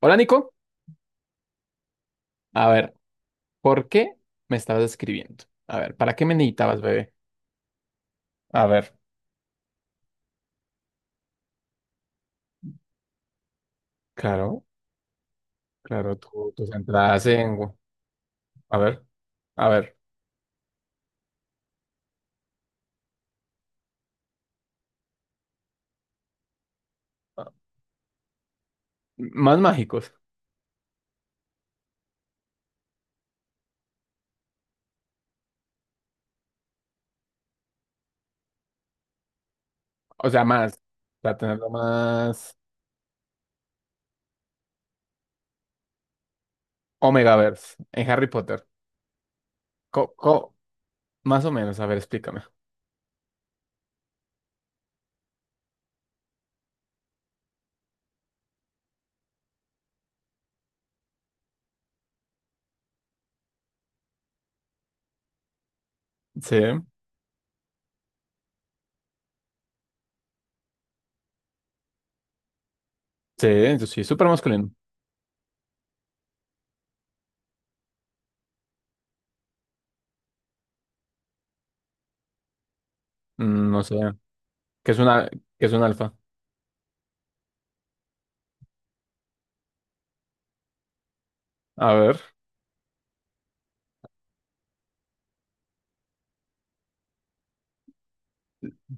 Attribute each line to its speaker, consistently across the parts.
Speaker 1: Hola Nico, a ver, ¿por qué me estabas escribiendo? A ver, ¿para qué me necesitabas, bebé? A ver, claro, claro, tus entradas en... A ver, a ver, más mágicos, o sea, más, para tenerlo más Omegaverse en Harry Potter. Co, co- más o menos, a ver, explícame. Sí, sí, yo sí, súper masculino. No sé, ¿qué es un alfa? A ver,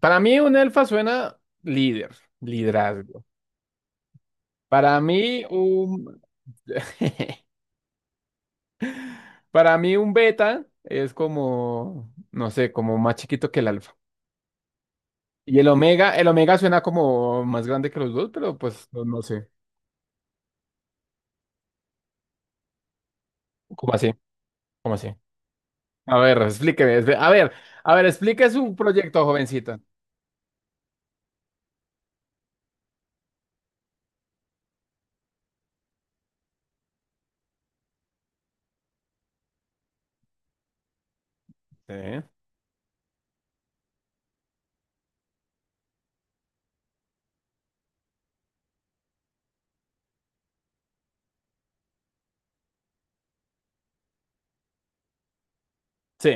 Speaker 1: para mí un alfa suena líder, liderazgo. Para mí, un... Para mí un beta es como, no sé, como más chiquito que el alfa. Y el omega suena como más grande que los dos, pero pues no, no sé. ¿Cómo así? ¿Cómo así? A ver, explíqueme. A ver, explique su proyecto, jovencita. Sí. Sí,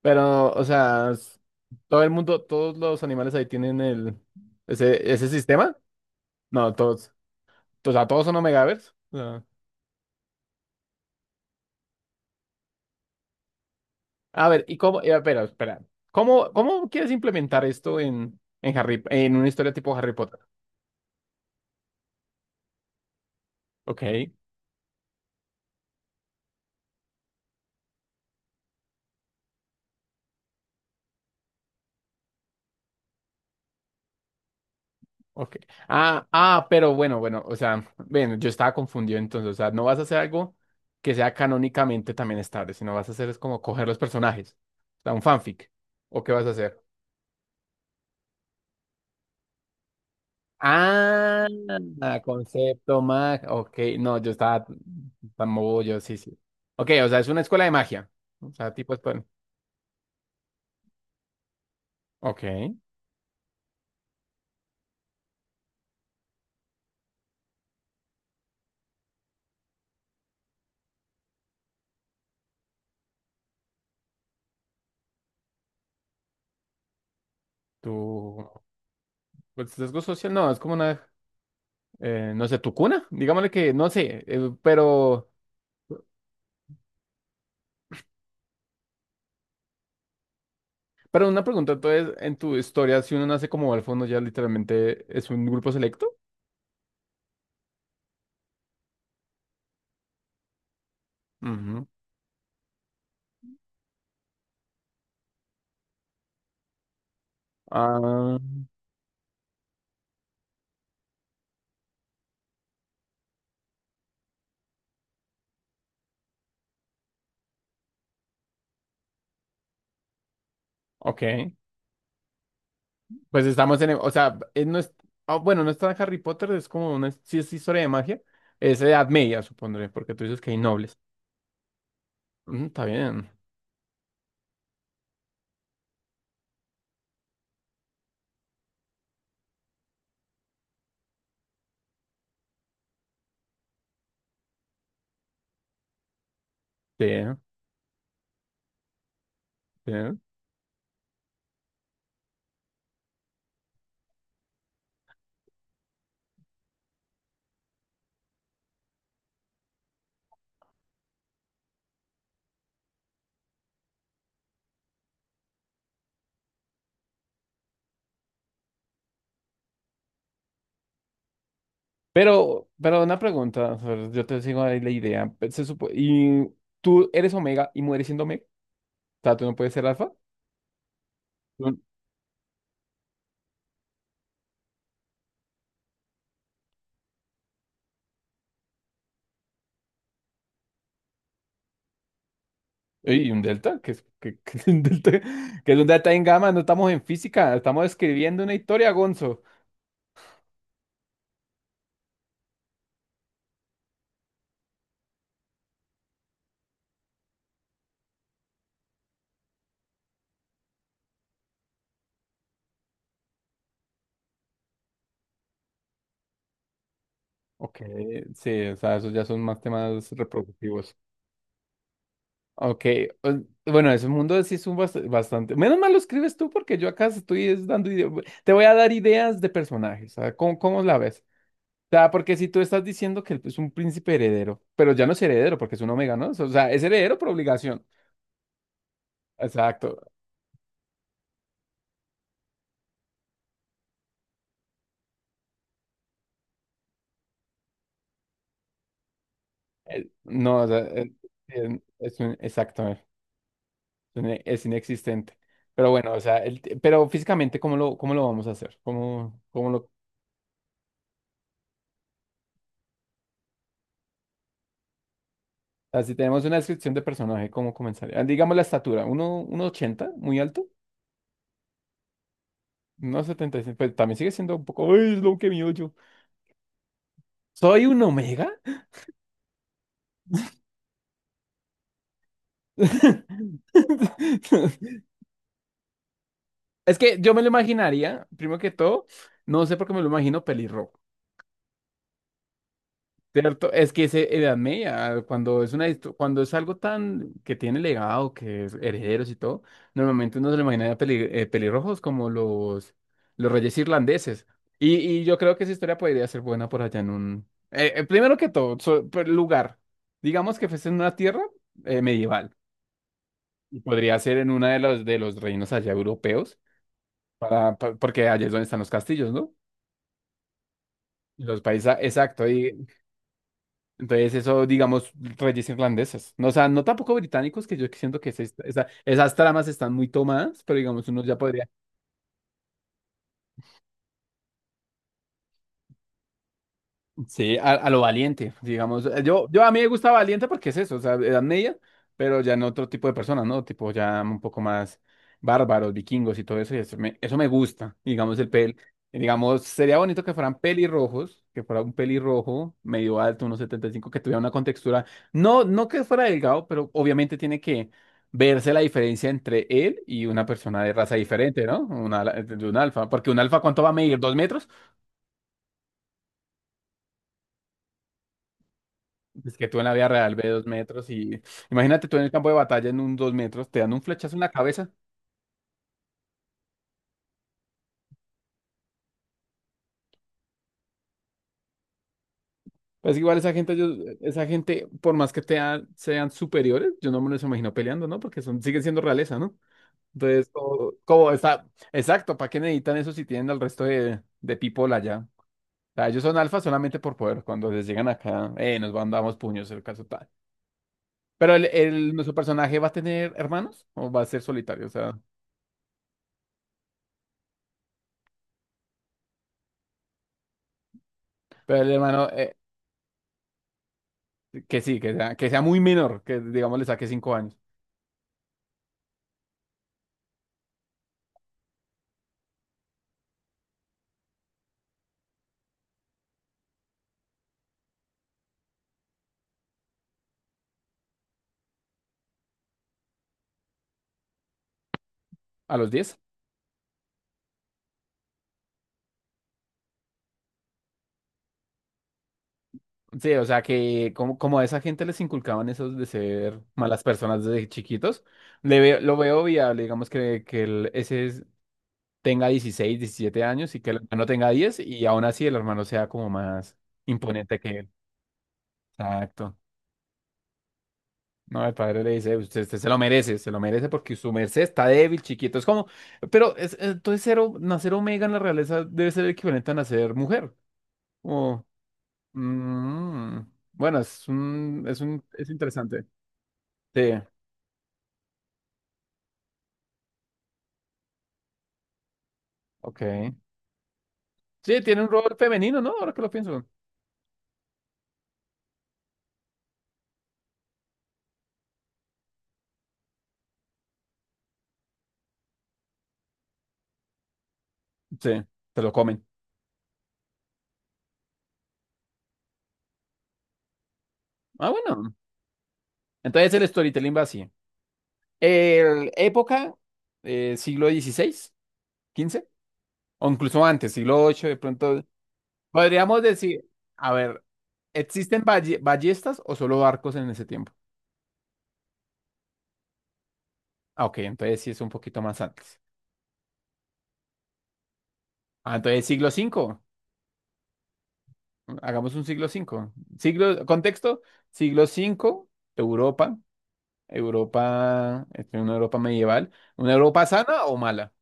Speaker 1: pero, o sea, todo el mundo, todos los animales ahí tienen ese sistema. No, todos, o sea, todos son omegavers. A ver, ¿y cómo? Espera espera. ¿Cómo quieres implementar esto en una historia tipo Harry Potter? Ok, ok. Ah, ah, pero bueno, bueno, o sea, ven, yo estaba confundido entonces, o sea, no vas a hacer algo que sea canónicamente también estable, sino vas a hacer es como coger los personajes, o sea, un fanfic, ¿o qué vas a hacer? Ah, ok, no, yo estaba tan bobo, yo sí, sí. Ok, o sea, es una escuela de magia, o sea, tipo, ok, tú. Pues sesgo social, no, es como una, no sé, tu cuna, digámosle que, no sé, pero una pregunta, entonces, en tu historia, si uno nace como al fondo ya literalmente es un grupo selecto. Ujú. Ah, ok. Pues estamos en, o sea, no es, ah, bueno, no está en Harry Potter, es como una, sí es historia de magia, es Edad Media, supondré, porque tú dices que hay nobles. Ujú, está bien, bien, bien. Pero una pregunta, o sea, yo te sigo ahí la idea, pues, se supo, y tú eres Omega y mueres siendo Omega. Sea, tú no puedes ser alfa. Un- Y un delta, que es un delta en gamma, no estamos en física, estamos escribiendo una historia, Gonzo. Ok, sí, o sea, esos ya son más temas reproductivos. Ok, o- bueno, ese mundo sí es un bastante. Menos mal lo escribes tú porque yo acá estoy es dando te voy a dar ideas de personajes, ¿sabes? ¿Cómo la ves? O sea, porque si tú estás diciendo que es un príncipe heredero, pero ya no es heredero porque es un omega, ¿no? O sea, es heredero por obligación. Exacto. No, o sea, exacto, es inexistente. Pero bueno, o sea, pero físicamente, ¿cómo lo vamos a hacer? O sea, si tenemos una descripción de personaje, ¿cómo comenzaría? Ah, digamos la estatura, uno ochenta, muy alto, 1,75, pues también sigue siendo un poco, ¡ay, es lo que mío yo! ¿Soy un omega? Es que yo me lo imaginaría, primero que todo, no sé por qué me lo imagino pelirrojo. Cierto, es que ese Edad Media, cuando es algo tan que tiene legado, que es herederos y todo, normalmente uno se lo imagina de pelirrojos como los reyes irlandeses. Y yo creo que esa historia podría ser buena por allá en un... primero que todo, por lugar. Digamos que fuese en una tierra medieval. Y podría ser en uno de los reinos allá europeos, porque allá es donde están los castillos, ¿no? Los países, exacto. Entonces, eso, digamos, reyes irlandeses. No, o sea, no tampoco británicos, que yo siento que esas tramas están muy tomadas, pero digamos, uno ya podría. Sí, a lo valiente, digamos. Yo a mí me gusta valiente porque es eso, o sea, edad media, pero ya en otro tipo de personas, ¿no? Tipo ya un poco más bárbaros, vikingos y todo eso, y eso me gusta, digamos, el pel. Digamos, sería bonito que fueran pelirrojos, que fuera un pelirrojo medio alto, unos 1,75, que tuviera una contextura, no, no que fuera delgado, pero obviamente tiene que verse la diferencia entre él y una persona de raza diferente, ¿no? Una, de un alfa, porque un alfa, ¿cuánto va a medir? ¿2 metros? Es que tú en la vida real ves 2 metros y imagínate tú en el campo de batalla en un 2 metros, te dan un flechazo en la cabeza. Pues igual esa gente, por más que sean superiores, yo no me los imagino peleando, ¿no? Porque son, siguen siendo realeza, ¿no? Entonces, como está, exacto, ¿para qué necesitan eso si tienen al resto de people allá? O sea, ellos son alfa solamente por poder. Cuando les llegan acá, nos mandamos puños, el caso tal. Pero nuestro personaje va a tener hermanos o va a ser solitario, o sea, pero el hermano, que sí, que sea muy menor, que digamos le saque 5 años. ¿A los 10? Sí, o sea que como a esa gente les inculcaban esos de ser malas personas desde chiquitos, lo veo viable, digamos que tenga 16, 17 años y que el hermano tenga 10 y aún así el hermano sea como más imponente que él. Exacto. No, el padre le dice, usted se lo merece porque su merced está débil, chiquito. Es como, pero es, entonces cero, nacer omega en la realeza debe ser equivalente a nacer mujer. Mm, bueno, es interesante. Sí, ok. Sí, tiene un rol femenino, ¿no? Ahora que lo pienso. Sí, te lo comen. Ah, bueno. Entonces el storytelling va así. El época, siglo dieciséis quince o incluso antes, siglo VIII de pronto. Podríamos decir, a ver, ¿existen ballestas o solo barcos en ese tiempo? Ah, ok, entonces sí es un poquito más antes. Ah, entonces siglo V. Hagamos un siglo V. Contexto, siglo V Europa, Europa, este, una Europa medieval. ¿Una Europa sana o mala?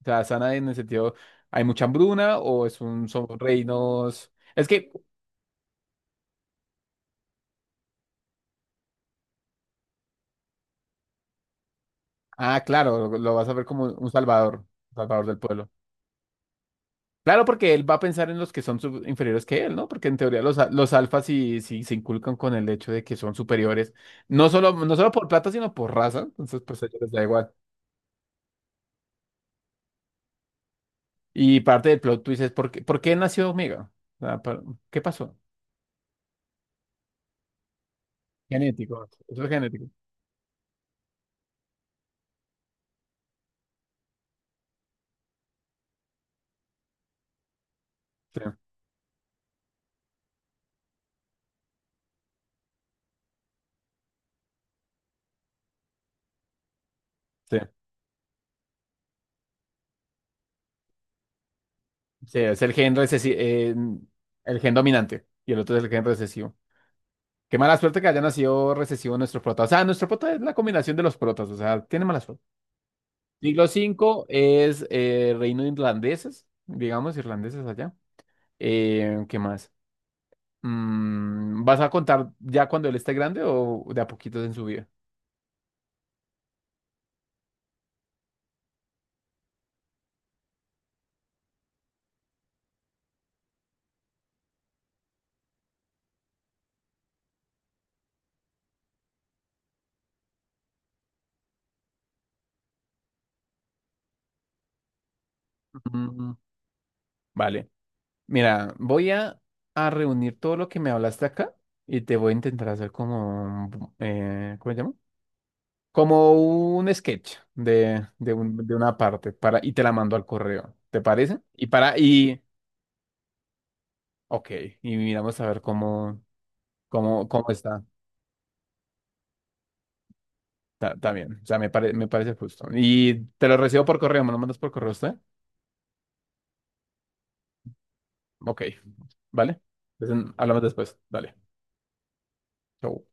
Speaker 1: O sea, sana en el sentido, ¿hay mucha hambruna o son reinos? Es que, claro, lo vas a ver como un salvador, salvador del pueblo. Claro, porque él va a pensar en los que son inferiores que él, ¿no? Porque en teoría los alfas sí, sí se inculcan con el hecho de que son superiores, no solo, no solo por plata, sino por raza, entonces pues a ellos les da igual. Y parte del plot twist es ¿por qué nació Omega? O sea, ¿qué pasó? Genético, eso es genético. Sí, sí. Sí, es el gen dominante y el otro es el gen recesivo. Qué mala suerte que haya nacido recesivo nuestro prota. O sea, nuestro prota es la combinación de los protas, o sea, tiene mala suerte. Siglo V es reino de irlandeses, digamos, irlandeses allá. ¿Qué más? ¿Vas a contar ya cuando él esté grande o de a poquitos en su vida? Mm, vale. Mira, voy a reunir todo lo que me hablaste acá y te voy a intentar hacer como, ¿cómo se llama? Como un sketch de de una parte y te la mando al correo. ¿Te parece? Y ok, y miramos a ver cómo está. Está bien, o sea, me parece justo. Y te lo recibo por correo, ¿me lo mandas por correo usted? Ok, ¿vale? Entonces, hablamos después. Dale. Chau.